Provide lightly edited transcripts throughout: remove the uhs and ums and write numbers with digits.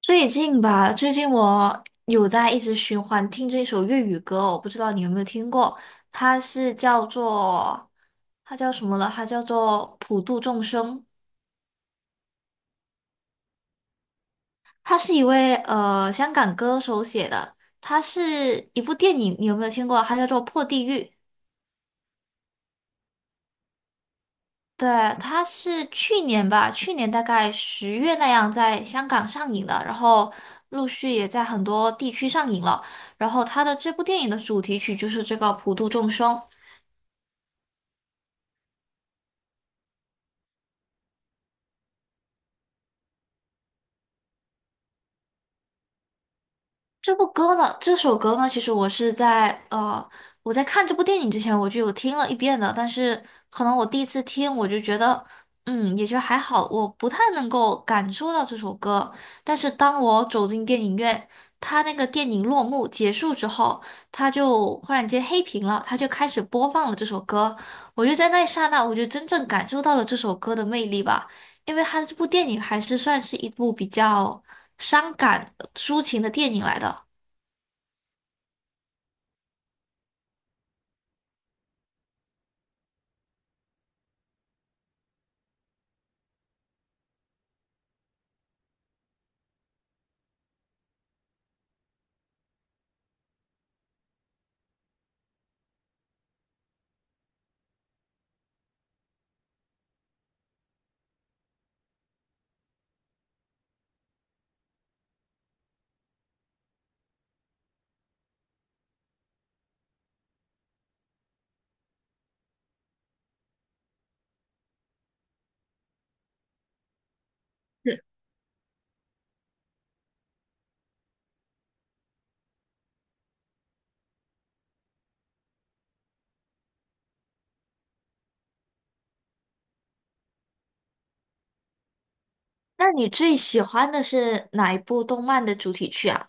最近吧，最近我有在一直循环听这首粤语歌哦我不知道你有没有听过。它是叫做它叫什么了？它叫做《普度众生》。它是一位香港歌手写的。它是一部电影，你有没有听过？它叫做《破地狱》。对。它是去年吧，去年大概10月那样在香港上映的，然后陆续也在很多地区上映了。然后它的这部电影的主题曲就是这个《普度众生》。这首歌呢，其实我在看这部电影之前我就有听了一遍的，但是可能我第一次听我就觉得，也就还好，我不太能够感受到这首歌。但是当我走进电影院，它那个电影落幕结束之后，它就忽然间黑屏了，它就开始播放了这首歌，我就在那一刹那，我就真正感受到了这首歌的魅力吧，因为它这部电影还是算是一部比较伤感抒情的电影来的。那你最喜欢的是哪一部动漫的主题曲啊？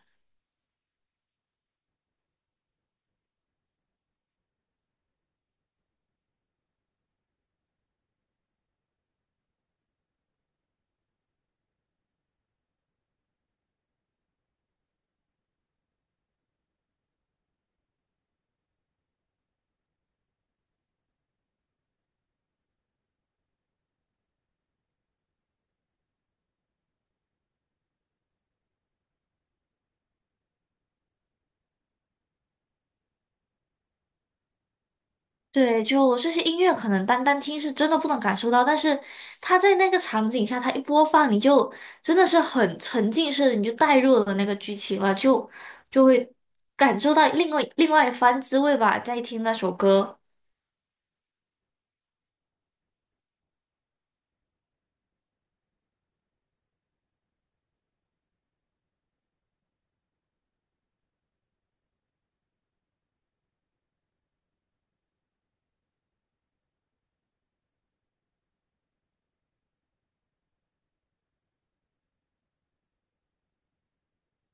对，就这些音乐，可能单单听是真的不能感受到，但是它在那个场景下，它一播放，你就真的是很沉浸式的，你就带入了那个剧情了，就会感受到另外一番滋味吧。在听那首歌。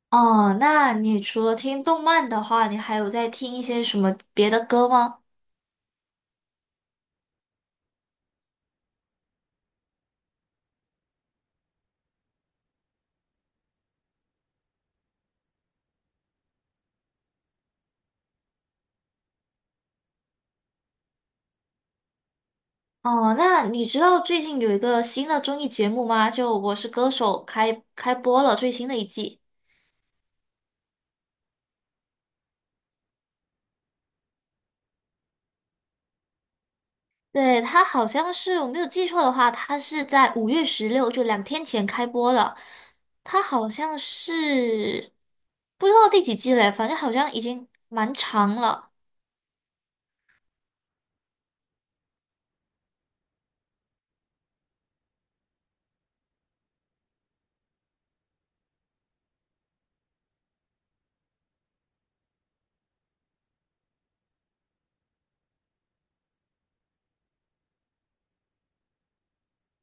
哦，那你除了听动漫的话，你还有在听一些什么别的歌吗？哦，那你知道最近有一个新的综艺节目吗？就《我是歌手》开播了最新的一季。对，它好像是我没有记错的话，它是在5月16，就两天前开播了。它好像是不知道第几季嘞，反正好像已经蛮长了。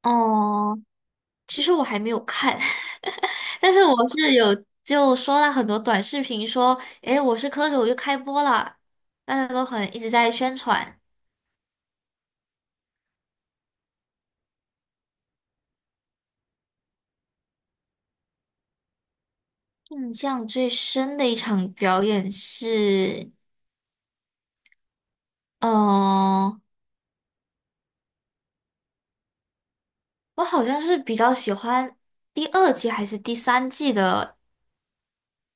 哦，其实我还没有看。但是我是有就刷了很多短视频说，诶，《我是歌手》又开播了，大家都很一直在宣传。印象最深的一场表演是，嗯、我好像是比较喜欢第二季还是第三季的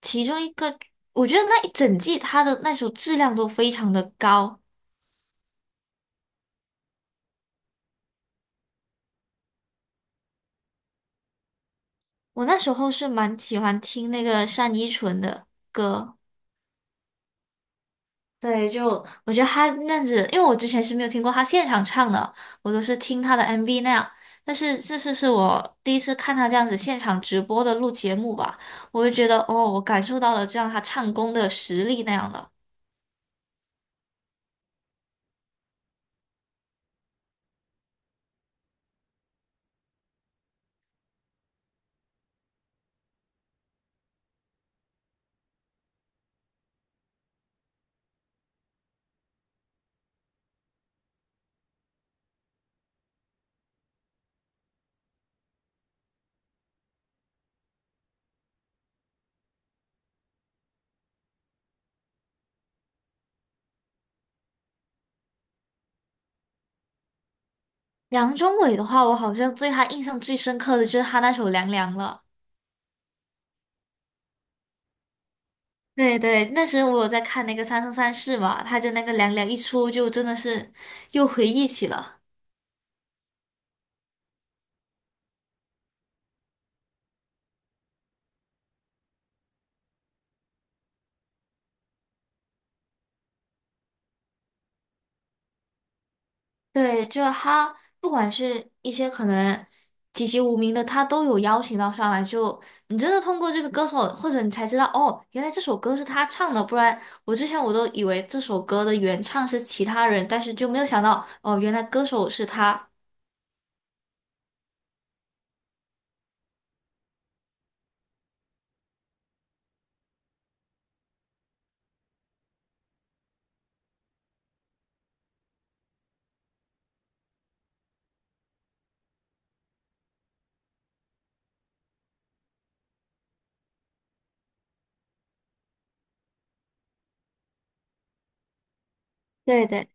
其中一个，我觉得那一整季它的那首质量都非常的高。我那时候是蛮喜欢听那个单依纯的。对，就我觉得他那样子，因为我之前是没有听过他现场唱的，我都是听他的 MV 那样。但是这次是我第一次看他这样子现场直播的录节目吧，我就觉得哦，我感受到了这样他唱功的实力那样的。梁中伟的话，我好像对他印象最深刻的就是他那首《凉凉》了。对对，那时我有在看那个《三生三世》嘛，他就那个《凉凉》一出，就真的是又回忆起了。对，就他不管是一些可能籍籍无名的，他都有邀请到上来就。你真的通过这个歌手，或者你才知道哦，原来这首歌是他唱的，不然我之前我都以为这首歌的原唱是其他人，但是就没有想到哦，原来歌手是他。对对。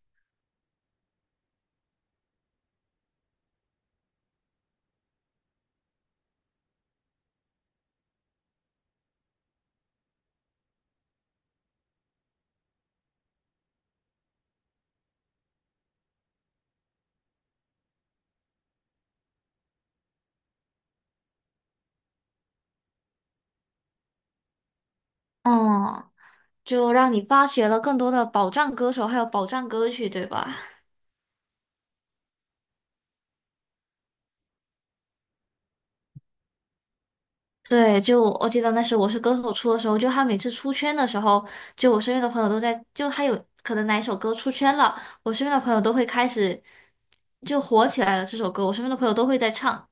嗯，就让你发掘了更多的宝藏歌手，还有宝藏歌曲，对吧？对，就我记得那时候我是歌手出的时候，就他每次出圈的时候，就我身边的朋友都在，就他有可能哪一首歌出圈了，我身边的朋友都会开始就火起来了。这首歌，我身边的朋友都会在唱。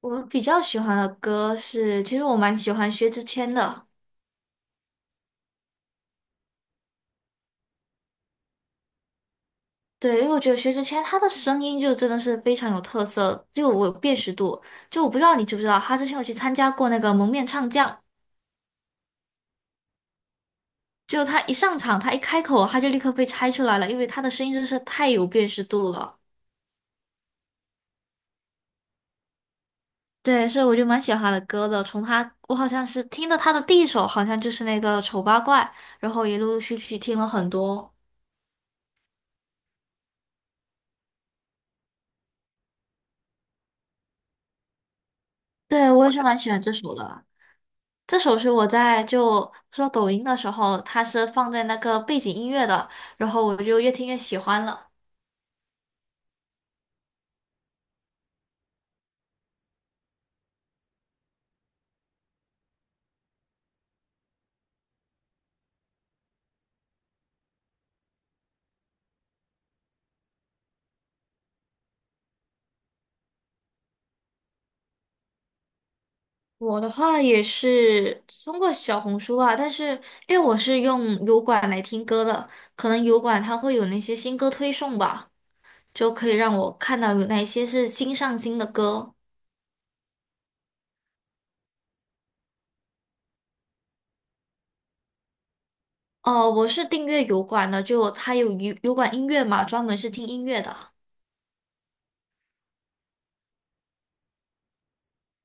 我比较喜欢的歌是，其实我蛮喜欢薛之谦的。对，因为我觉得薛之谦他的声音就真的是非常有特色，就我有辨识度。就我不知道你知不知道，他之前有去参加过那个《蒙面唱将》。就他一上场，他一开口，他就立刻被猜出来了，因为他的声音真是太有辨识度了。对，是我就蛮喜欢他的歌的。从他，我好像是听的他的第一首，好像就是那个《丑八怪》，然后也陆陆续续听了很多。对，我也是蛮喜欢这首的。这首是我在就刷抖音的时候，它是放在那个背景音乐的，然后我就越听越喜欢了。我的话也是通过小红书啊，但是因为我是用油管来听歌的，可能油管它会有那些新歌推送吧，就可以让我看到有哪些是新上新的歌。哦，我是订阅油管的，就它有油管音乐嘛，专门是听音乐的。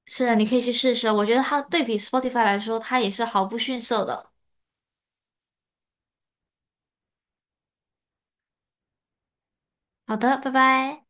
是的，你可以去试试，我觉得它对比 Spotify 来说，它也是毫不逊色的。好的，拜拜。